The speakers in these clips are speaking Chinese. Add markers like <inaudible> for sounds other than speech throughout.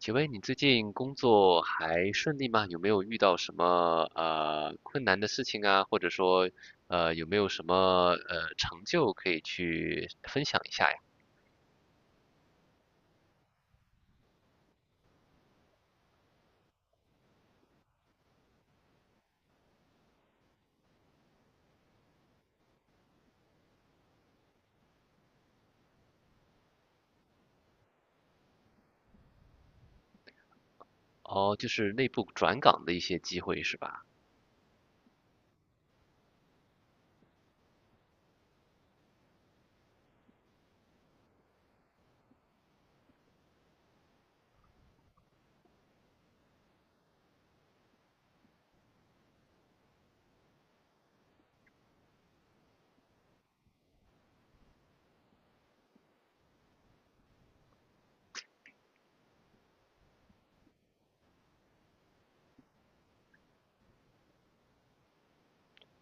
请问你最近工作还顺利吗？有没有遇到什么困难的事情啊？或者说有没有什么成就可以去分享一下呀？哦，就是内部转岗的一些机会是吧？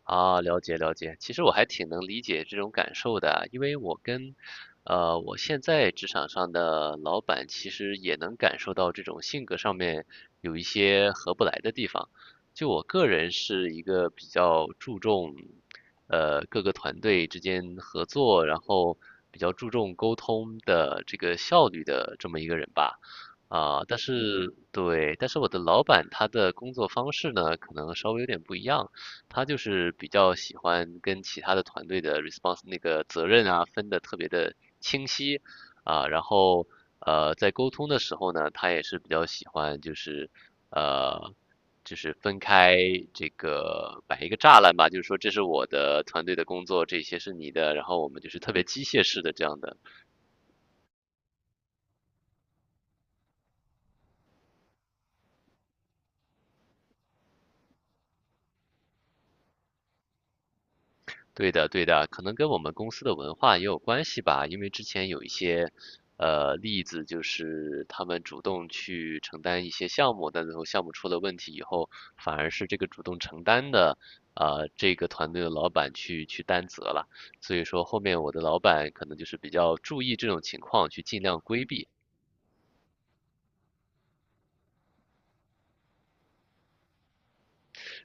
啊，了解了解。其实我还挺能理解这种感受的啊，因为我跟，我现在职场上的老板其实也能感受到这种性格上面有一些合不来的地方。就我个人是一个比较注重，各个团队之间合作，然后比较注重沟通的这个效率的这么一个人吧。啊，但是对，但是我的老板他的工作方式呢，可能稍微有点不一样。他就是比较喜欢跟其他的团队的 response 那个责任啊分的特别的清晰啊，然后在沟通的时候呢，他也是比较喜欢就是呃就是分开这个摆一个栅栏吧，就是说这是我的团队的工作，这些是你的，然后我们就是特别机械式的这样的对的，对的，可能跟我们公司的文化也有关系吧。因为之前有一些，例子就是他们主动去承担一些项目，但最后项目出了问题以后，反而是这个主动承担的，这个团队的老板去担责了。所以说后面我的老板可能就是比较注意这种情况，去尽量规避。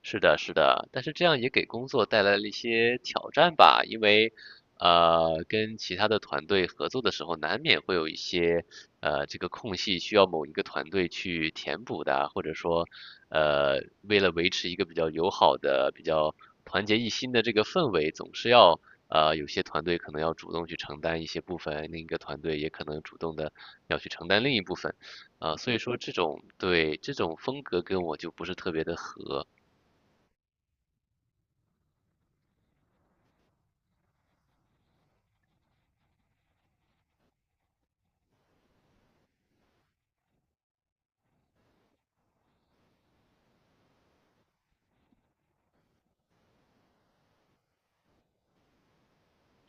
是的，是的，但是这样也给工作带来了一些挑战吧，因为跟其他的团队合作的时候，难免会有一些这个空隙需要某一个团队去填补的啊，或者说为了维持一个比较友好的、比较团结一心的这个氛围，总是要有些团队可能要主动去承担一些部分，另一个团队也可能主动的要去承担另一部分，啊、所以说这种对这种风格跟我就不是特别的合。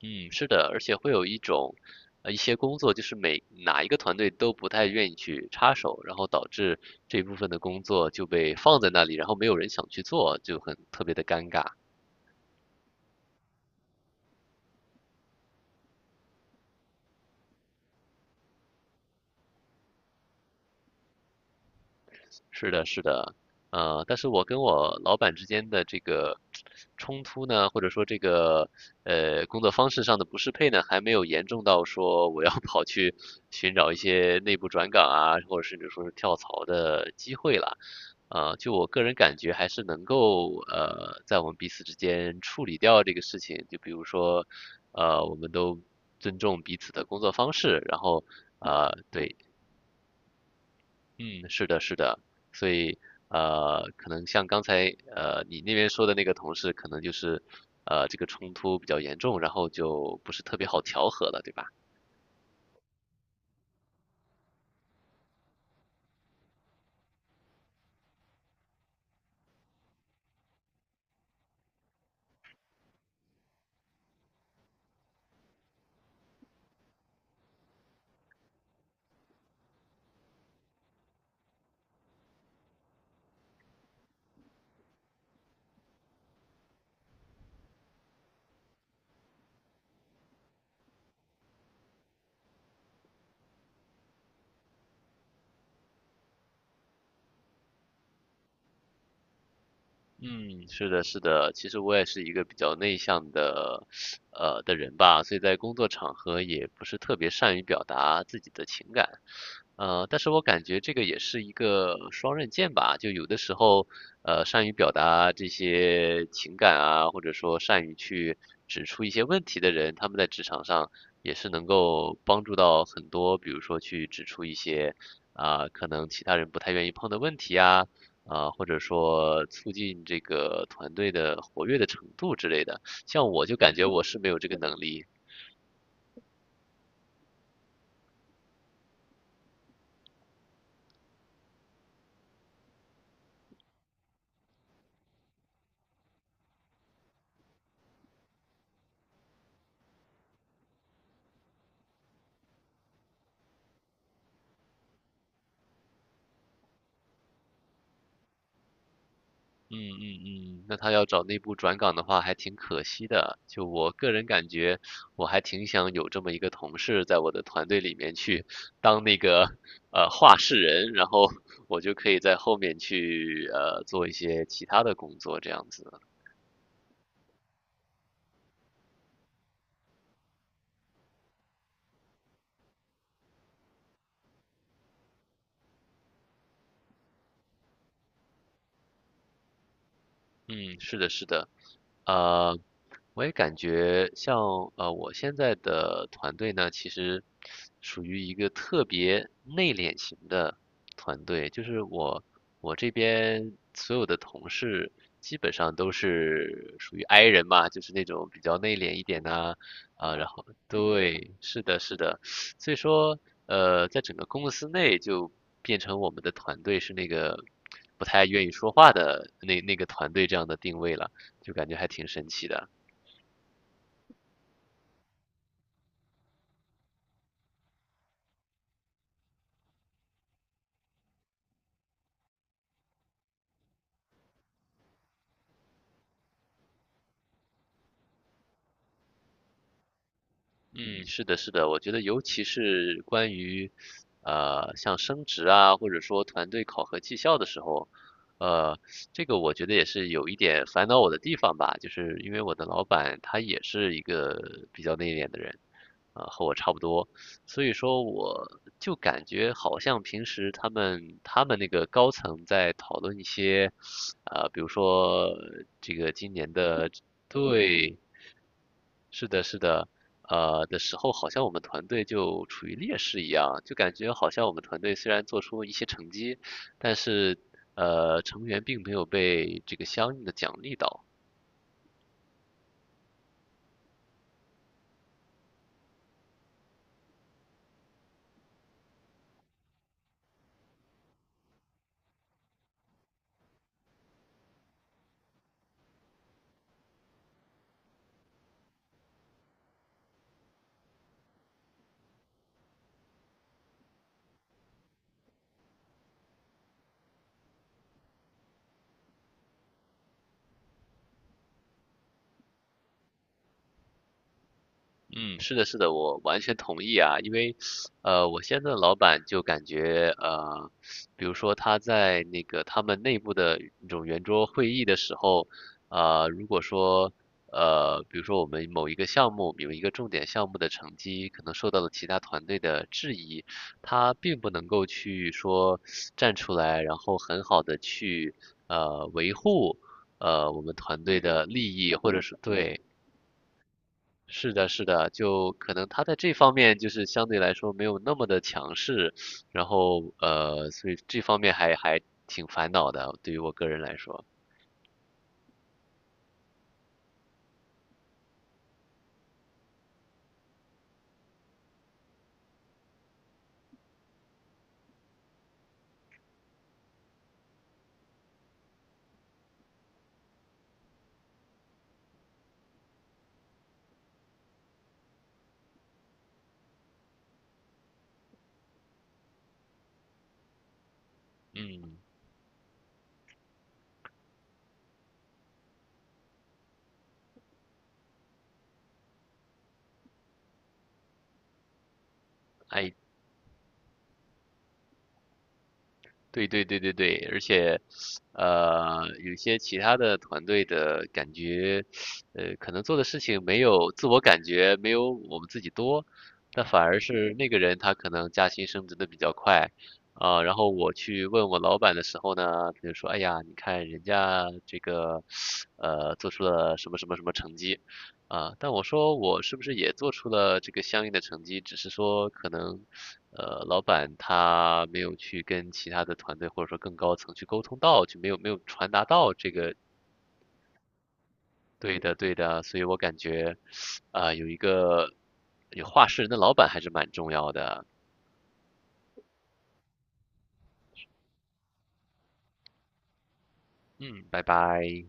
嗯，是的，而且会有一种，一些工作就是每哪一个团队都不太愿意去插手，然后导致这部分的工作就被放在那里，然后没有人想去做，就很特别的尴尬。是的，是的，但是我跟我老板之间的这个冲突呢，或者说这个工作方式上的不适配呢，还没有严重到说我要 <laughs> 跑去寻找一些内部转岗啊，或者甚至说是跳槽的机会了。就我个人感觉，还是能够在我们彼此之间处理掉这个事情。就比如说，我们都尊重彼此的工作方式，然后对，嗯，是的，是的，所以可能像刚才你那边说的那个同事，可能就是这个冲突比较严重，然后就不是特别好调和了，对吧？嗯，是的，是的，其实我也是一个比较内向的，的人吧，所以在工作场合也不是特别善于表达自己的情感，但是我感觉这个也是一个双刃剑吧，就有的时候，善于表达这些情感啊，或者说善于去指出一些问题的人，他们在职场上也是能够帮助到很多，比如说去指出一些啊，可能其他人不太愿意碰的问题啊。啊、或者说促进这个团队的活跃的程度之类的。像我就感觉我是没有这个能力。嗯嗯嗯，那他要找内部转岗的话，还挺可惜的。就我个人感觉，我还挺想有这么一个同事在我的团队里面去当那个话事人，然后我就可以在后面去做一些其他的工作，这样子。嗯，是的，是的，呃，我也感觉像我现在的团队呢，其实属于一个特别内敛型的团队，就是我这边所有的同事基本上都是属于 I 人嘛，就是那种比较内敛一点呐，啊，然后对，是的，是的，所以说，在整个公司内就变成我们的团队是那个不太愿意说话的那个团队这样的定位了，就感觉还挺神奇的。嗯，是的，是的，我觉得尤其是关于，像升职啊，或者说团队考核绩效的时候，呃，这个我觉得也是有一点烦恼我的地方吧，就是因为我的老板他也是一个比较内敛的人，啊、和我差不多，所以说我就感觉好像平时他们那个高层在讨论一些，啊、比如说这个今年的对。是的，是的，的时候，好像我们团队就处于劣势一样，就感觉好像我们团队虽然做出一些成绩，但是成员并没有被这个相应的奖励到，嗯，是的，是的，我完全同意啊，因为，我现在的老板就感觉，比如说他在那个他们内部的那种圆桌会议的时候，如果说，比如说我们某一个项目，有一个重点项目的成绩可能受到了其他团队的质疑，他并不能够去说站出来，然后很好的去，维护。我们团队的利益，或者是对，是的，是的，就可能他在这方面就是相对来说没有那么的强势，然后所以这方面还挺烦恼的，对于我个人来说，哎。对对对对对，而且，有些其他的团队的感觉，可能做的事情没有自我感觉没有我们自己多，但反而是那个人他可能加薪升职的比较快，啊、然后我去问我老板的时候呢，他就说，哎呀，你看人家这个，做出了什么什么什么成绩，啊，但我说我是不是也做出了这个相应的成绩，只是说可能，老板他没有去跟其他的团队或者说更高层去沟通到，就没有传达到这个对的对的，所以我感觉，啊、有一个有话事人的老板还是蛮重要的。嗯，拜拜。